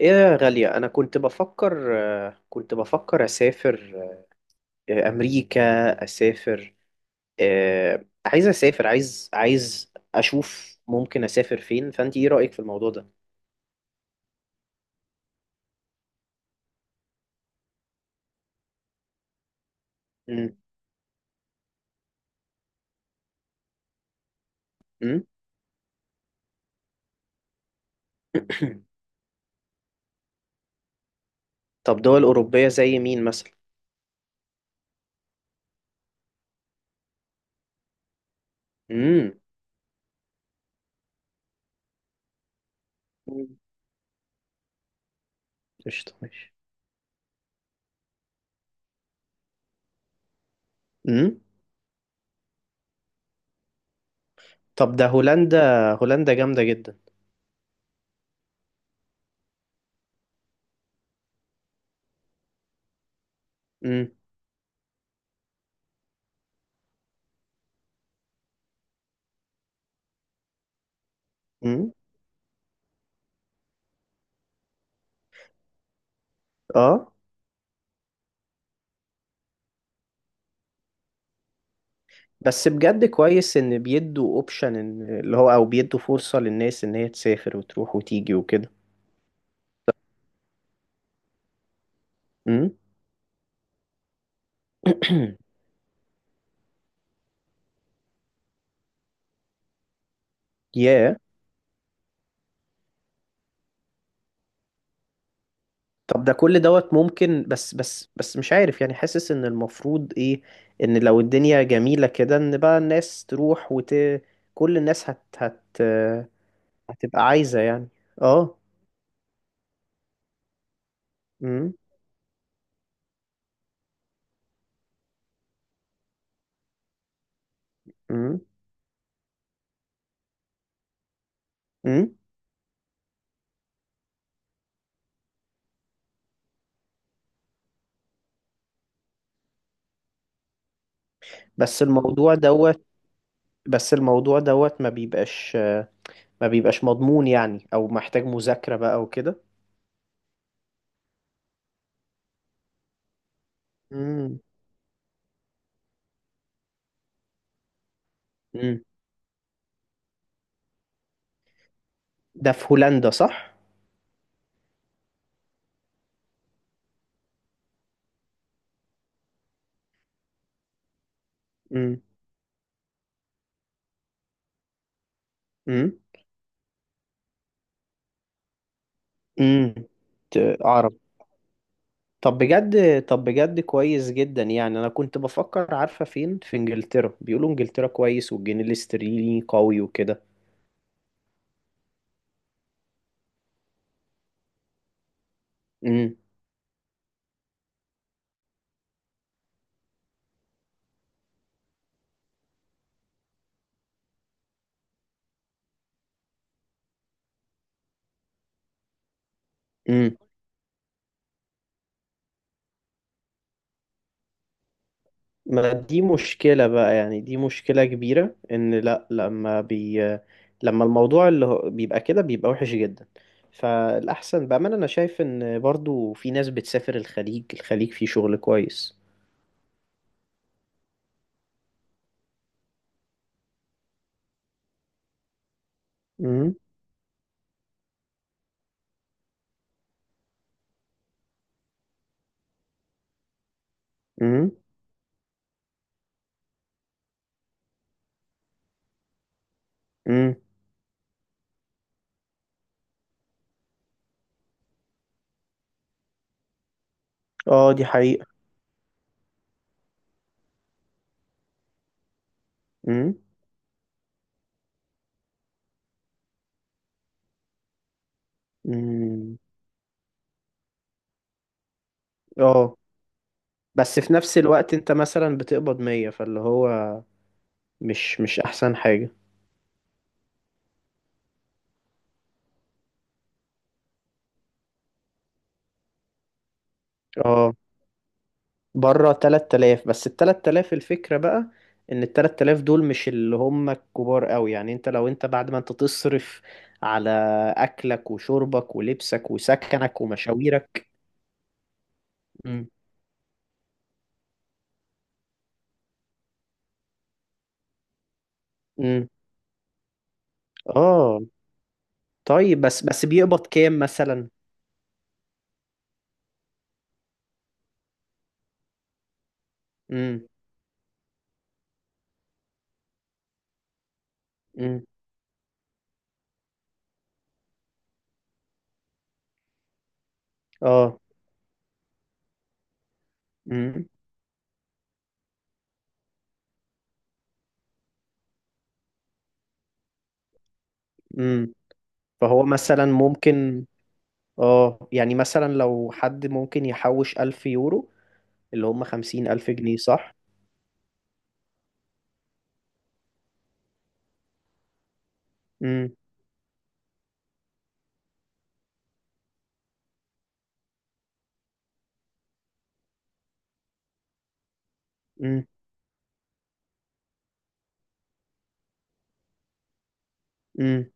ايه يا غالية، انا كنت بفكر. كنت بفكر اسافر امريكا. اسافر. عايز اسافر، عايز اشوف ممكن اسافر فين، فانت ايه رأيك في الموضوع ده؟ مم. مم. طب دول اوروبية زي مين مثلا؟ امم. قشطة، ماشي. مم. طب ده هولندا. هولندا جامدة جدا. امم. امم. اه، بس بجد كويس ان بيدوا اوبشن ان اللي هو، او بيدوا فرصة للناس ان هي تسافر وتروح وتيجي وكده. ياه. طب ده كل دوت ممكن، بس مش عارف يعني، حاسس ان المفروض ايه، ان لو الدنيا جميلة كده ان بقى الناس تروح كل الناس هت هت هتبقى عايزة يعني. اه. امم. امم. امم. بس الموضوع دوت بس الموضوع دوت ما بيبقاش مضمون يعني، او محتاج مذاكرة بقى وكده. امم. امم. ده في هولندا صح؟ امم. امم. امم. عرب. طب بجد كويس جدا يعني، انا كنت بفكر عارفه فين، في انجلترا بيقولوا انجلترا كويس والجنيه الاسترليني قوي وكده. امم. امم. ما دي مشكله بقى يعني، دي مشكله كبيره ان لا، لما الموضوع بيبقى كده، بيبقى وحش جدا. فالاحسن بامانه انا شايف ان برضو في ناس بتسافر الخليج، الخليج فيه شغل كويس. امم. امم. امم. اه، دي حقيقه. امم. امم. اه، بس في نفس الوقت انت مثلا بتقبض 100، فاللي هو مش احسن حاجة. اه، بره 3000، بس ال 3000 الفكرة بقى ان ال 3000 دول مش اللي هم الكبار قوي يعني، انت لو انت بعد ما انت تصرف على اكلك وشربك ولبسك وسكنك ومشاويرك. امم. امم. اه، طيب، بس بيقبض كام مثلا؟ امم. امم. اه. امم. امم. فهو مثلا ممكن، اه، يعني مثلا لو حد ممكن يحوش 1000 يورو، اللي هم 50000 جنيه، صح؟ امم. امم. امم.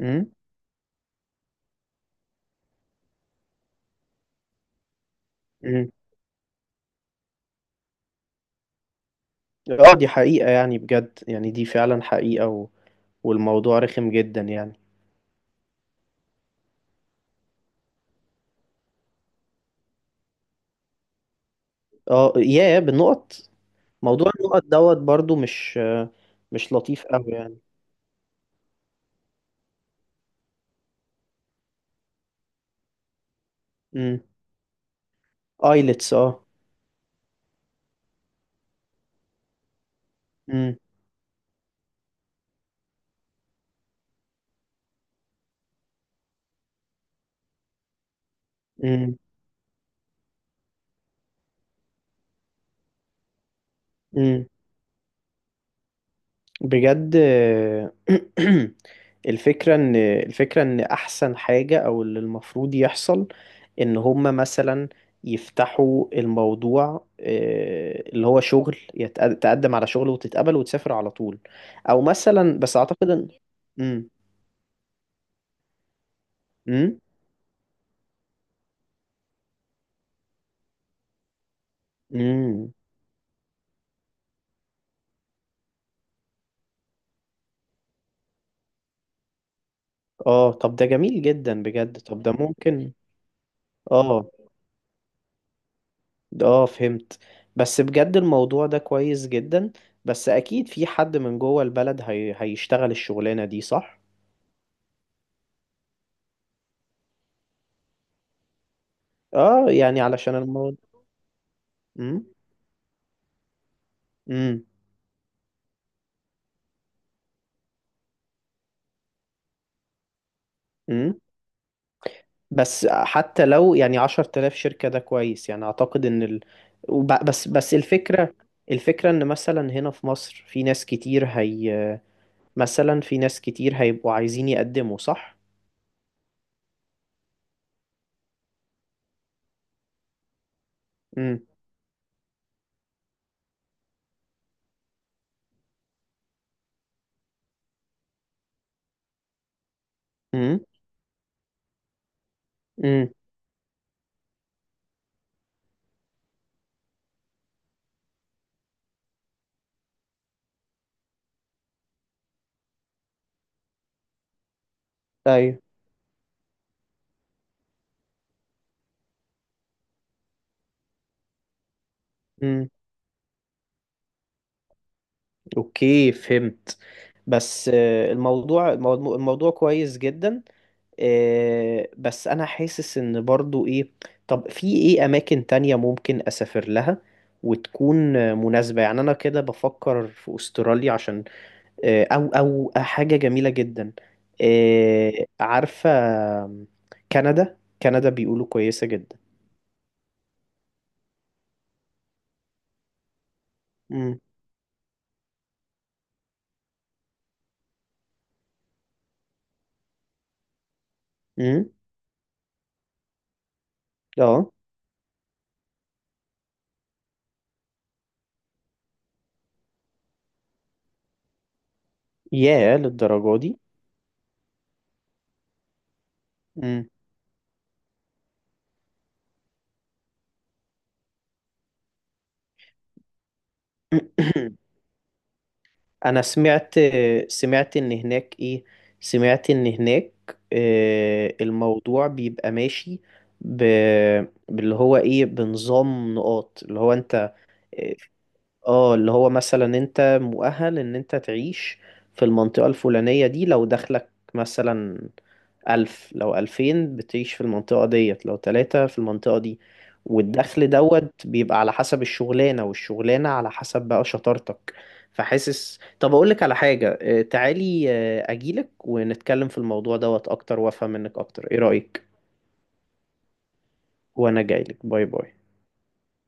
امم. امم. اه، دي حقيقة يعني، بجد يعني، دي فعلا حقيقة. و... والموضوع رخم جدا يعني. اه يا بالنقط. موضوع النقط دوت برضو مش، مش لطيف قوي يعني. امم. ايلتس، اه. امم. امم. بجد. الفكرة ان احسن حاجة او اللي المفروض يحصل ان هما مثلا يفتحوا الموضوع، اللي هو شغل تقدم على شغل وتتقبل وتسافر على طول، او مثلا بس اعتقد ان. امم. امم. امم. اه، طب ده جميل جدا بجد، طب ده ممكن. اه. اه، فهمت. بس بجد الموضوع ده كويس جدا. بس اكيد في حد من جوه البلد هيشتغل الشغلانة دي، صح؟ اه، يعني علشان الموضوع. امم. امم. امم. بس حتى لو يعني 10000 شركة، ده كويس يعني، اعتقد ان ال. وب... بس بس الفكرة ان مثلا هنا في مصر في ناس كتير هي، مثلا في ناس كتير هيبقوا عايزين يقدموا، صح؟ امم. امم. امم. ايوه. إمم. اوكي، فهمت. بس الموضوع كويس جدا. بس انا حاسس ان برضو ايه، طب في ايه اماكن تانية ممكن اسافر لها وتكون مناسبة يعني. انا كده بفكر في استراليا عشان او حاجة جميلة جدا. عارفة. كندا. كندا بيقولوا كويسة جدا. امم. امم. اه. ياه، للدرجة دي. امم. انا سمعت، سمعت ان هناك ايه، سمعت ان هناك الموضوع بيبقى ماشي ب... باللي هو ايه، بنظام نقاط، اللي هو انت. اه، اللي هو مثلا انت مؤهل ان انت تعيش في المنطقة الفلانية دي، لو دخلك مثلا ألف، لو ألفين بتعيش في المنطقة ديت، لو تلاتة في المنطقة دي. والدخل دوت بيبقى على حسب الشغلانة، والشغلانة على حسب بقى شطارتك. فحاسس، طب أقولك على حاجة، تعالي، أجيلك ونتكلم في الموضوع دوت أكتر وأفهم منك أكتر، إيه رأيك؟ وأنا جايلك، باي باي.